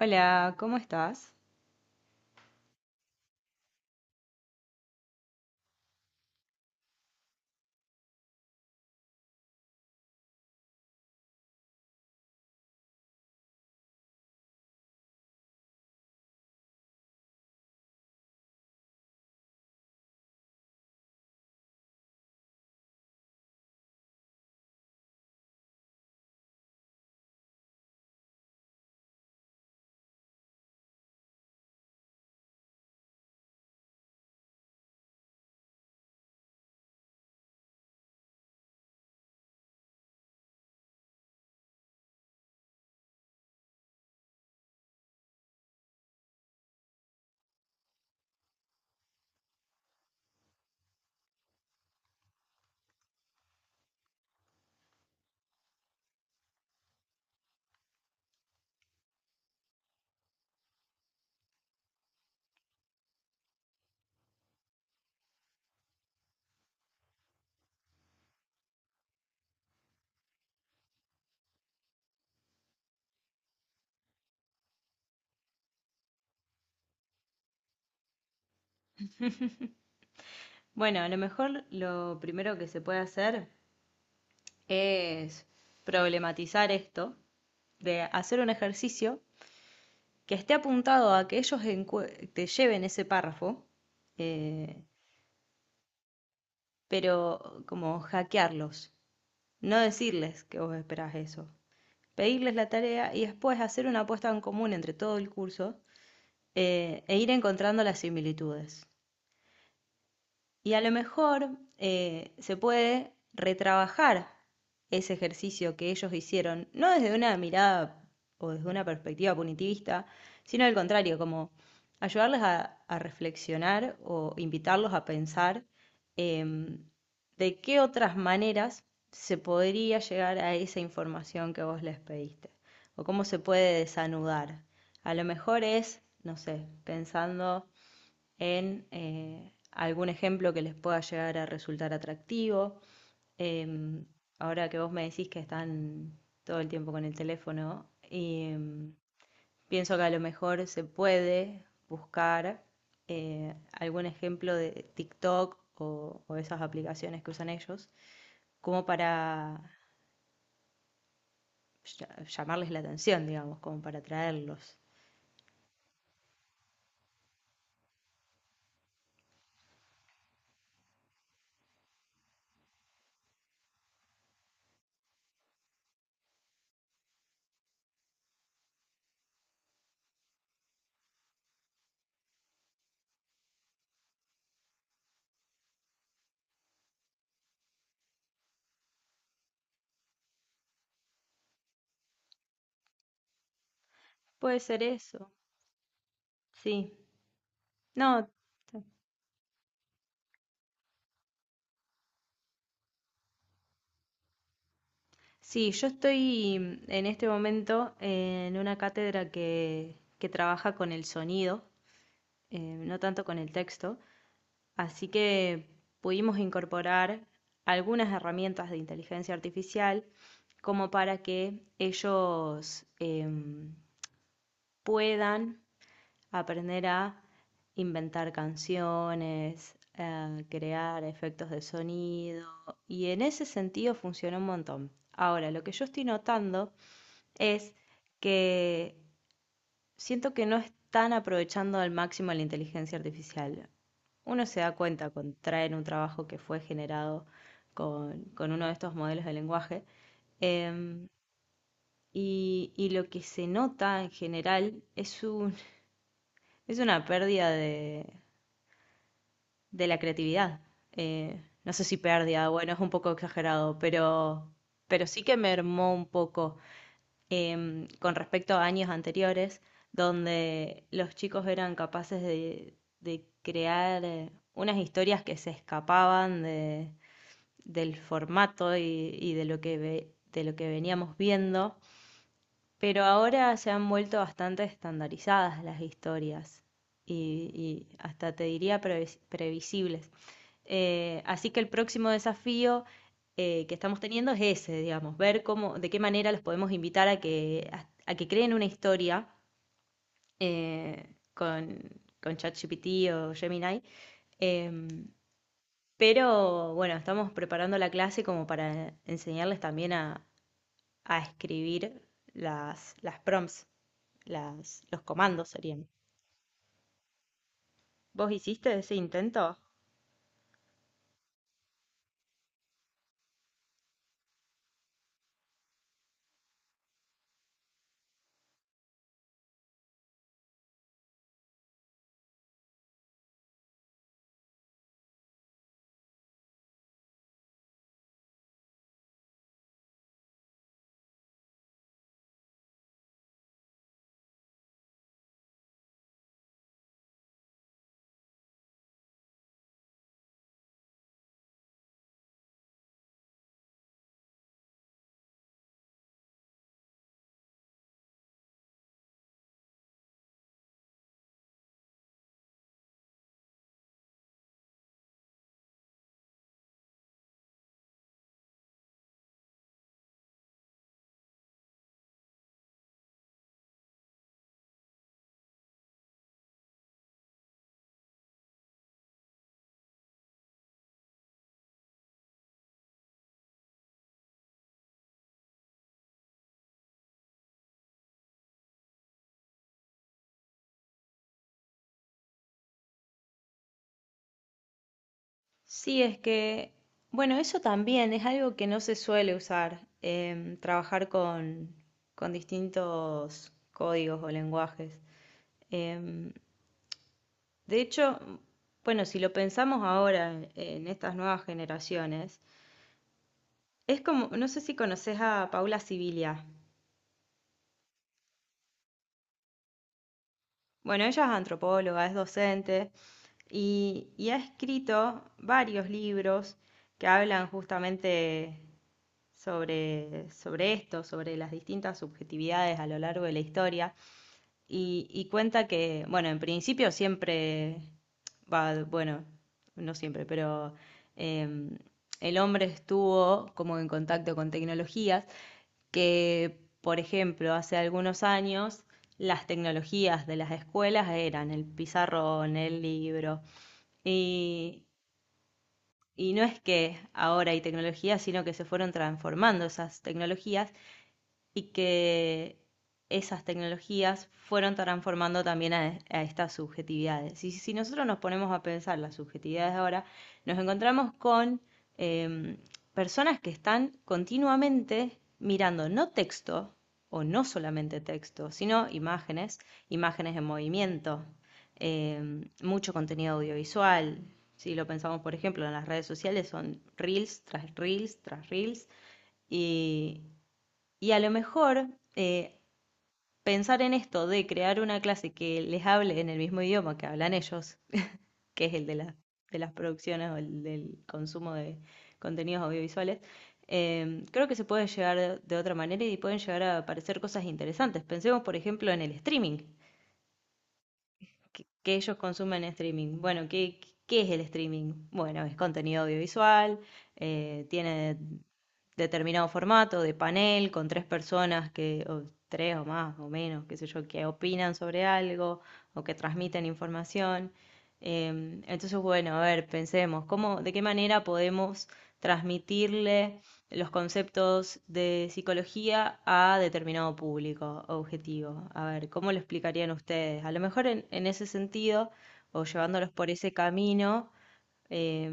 Hola, ¿cómo estás? Bueno, a lo mejor lo primero que se puede hacer es problematizar esto, de hacer un ejercicio que esté apuntado a que te lleven ese párrafo, eh, pero como hackearlos, no decirles que vos esperás eso, pedirles la tarea y después hacer una apuesta en común entre todo el curso, e ir encontrando las similitudes. Y a lo mejor se puede retrabajar ese ejercicio que ellos hicieron, no desde una mirada o desde una perspectiva punitivista, sino al contrario, como ayudarles a reflexionar o invitarlos a pensar em, de qué otras maneras se podría llegar a esa información que vos les pediste o cómo se puede desanudar. A lo mejor es, no sé, pensando en algún ejemplo que les pueda llegar a resultar atractivo. Eh, Ahora que vos me decís que están todo el tiempo con el teléfono, pienso que a lo mejor se puede buscar algún ejemplo de TikTok o esas aplicaciones que usan ellos, como para llamarles la atención, digamos, como para atraerlos. Puede ser eso, sí. No, sí, yo estoy en este momento en una cátedra que trabaja con el sonido, no tanto con el texto, así que pudimos incorporar algunas herramientas de inteligencia artificial como para que ellos puedan aprender a inventar canciones, a crear efectos de sonido, y en ese sentido funciona un montón. Ahora, lo que yo estoy notando es que siento que no están aprovechando al máximo la inteligencia artificial. Uno se da cuenta cuando traen un trabajo que fue generado con uno de estos modelos de lenguaje. em, y, y lo que se nota en general es una pérdida de la creatividad. No sé si pérdida, bueno, es un poco exagerado, pero sí que mermó un poco con respecto a años anteriores, donde los chicos eran capaces de crear unas historias que se escapaban de, del formato y de lo de lo que veníamos viendo, pero ahora se han vuelto bastante estandarizadas las historias y hasta te diría previsibles. Así que el próximo desafío que estamos teniendo es ese, digamos, ver cómo, de qué manera los podemos invitar a a que creen una historia eh, con, con ChatGPT o Gemini. Em, pero bueno, estamos preparando la clase como para enseñarles también a escribir las prompts, los comandos serían. ¿Vos hiciste ese intento? Sí, es que, bueno, eso también es algo que no se suele usar, trabajar con distintos códigos o lenguajes. Em, de hecho, bueno, si lo pensamos ahora en estas nuevas generaciones, es como, no sé si conoces a Paula Sibilia. Bueno, ella es antropóloga, es docente, y ha escrito varios libros que hablan justamente sobre, sobre esto, sobre las distintas subjetividades a lo largo de la historia. Y cuenta que, bueno, en principio siempre, va, bueno, no siempre, pero em, el hombre estuvo como en contacto con tecnologías que, por ejemplo, hace algunos años las tecnologías de las escuelas eran el pizarrón, el libro, y, y no es que ahora hay tecnologías, sino que se fueron transformando esas tecnologías y que esas tecnologías fueron transformando también a estas subjetividades. Y si nosotros nos ponemos a pensar las subjetividades ahora, nos encontramos con eh, personas que están continuamente mirando no texto, o no solamente texto, sino imágenes, imágenes en movimiento, mucho contenido audiovisual. Si lo pensamos, por ejemplo, en las redes sociales son reels tras reels tras reels, y y a lo mejor eh, pensar en esto de crear una clase que les hable en el mismo idioma que hablan ellos, que es el de las producciones o el del consumo de contenidos audiovisuales, creo que se puede llegar de otra manera y pueden llegar a aparecer cosas interesantes. Pensemos, por ejemplo, en el streaming que ellos consumen en streaming. Bueno, ¿qué, qué es el streaming? Bueno, es contenido audiovisual, tiene determinado formato de panel con tres personas que, o tres o más o menos, qué sé yo, que opinan sobre algo o que transmiten información. Eh, entonces, bueno, a ver, pensemos, ¿cómo, de qué manera podemos transmitirle los conceptos de psicología a determinado público objetivo? A ver, ¿cómo lo explicarían ustedes? A lo mejor en ese sentido, o llevándolos por ese camino, eh,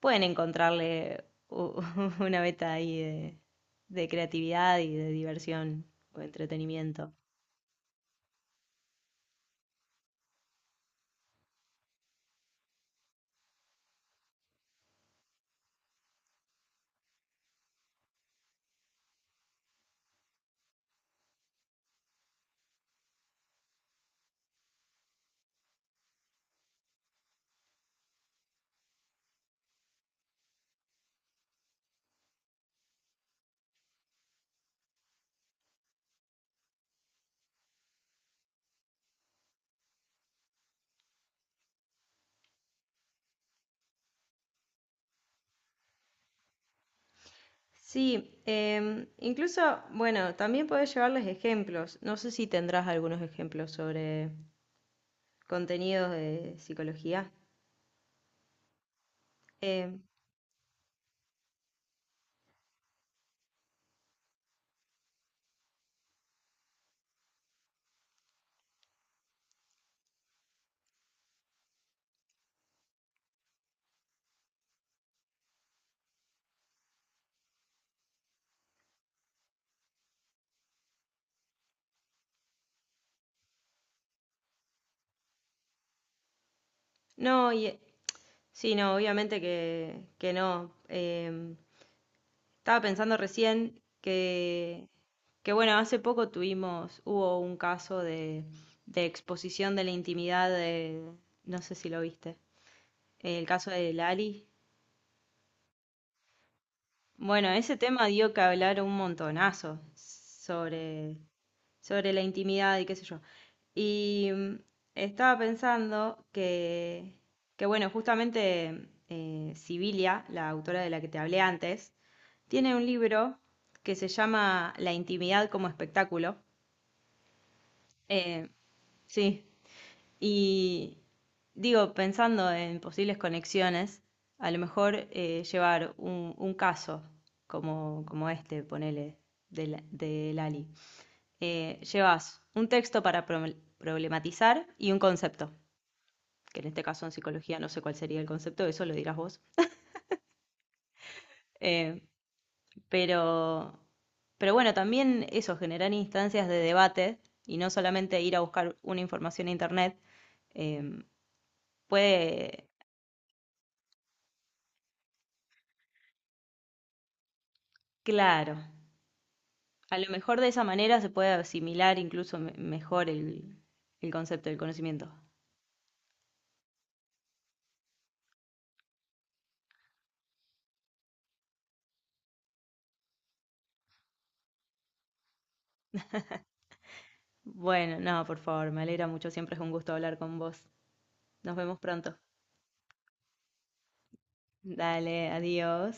pueden encontrarle una beta ahí de creatividad y de diversión o entretenimiento. Sí, incluso, bueno, también podés llevarles ejemplos. No sé si tendrás algunos ejemplos sobre contenidos de psicología. Em, No, sí, no, obviamente que no. Estaba pensando recién que, bueno, hace poco tuvimos, hubo un caso de exposición de la intimidad de, no sé si lo viste, el caso de Lali. Bueno, ese tema dio que hablar un montonazo sobre, sobre la intimidad y qué sé yo. Y estaba pensando que bueno, justamente Sibilia, la autora de la que te hablé antes, tiene un libro que se llama La intimidad como espectáculo. Eh, sí, y digo, pensando en posibles conexiones, a lo mejor llevar un caso como, como este, ponele, de Lali, llevas un texto para problematizar y un concepto, que en este caso en psicología no sé cuál sería el concepto, eso lo dirás vos. Eh, pero, pero bueno, también eso, generar instancias de debate y no solamente ir a buscar una información en internet, eh, puede, claro, a lo mejor de esa manera se puede asimilar incluso mejor el concepto del conocimiento. Bueno, no, por favor, me alegra mucho, siempre es un gusto hablar con vos. Nos vemos pronto. Dale, adiós.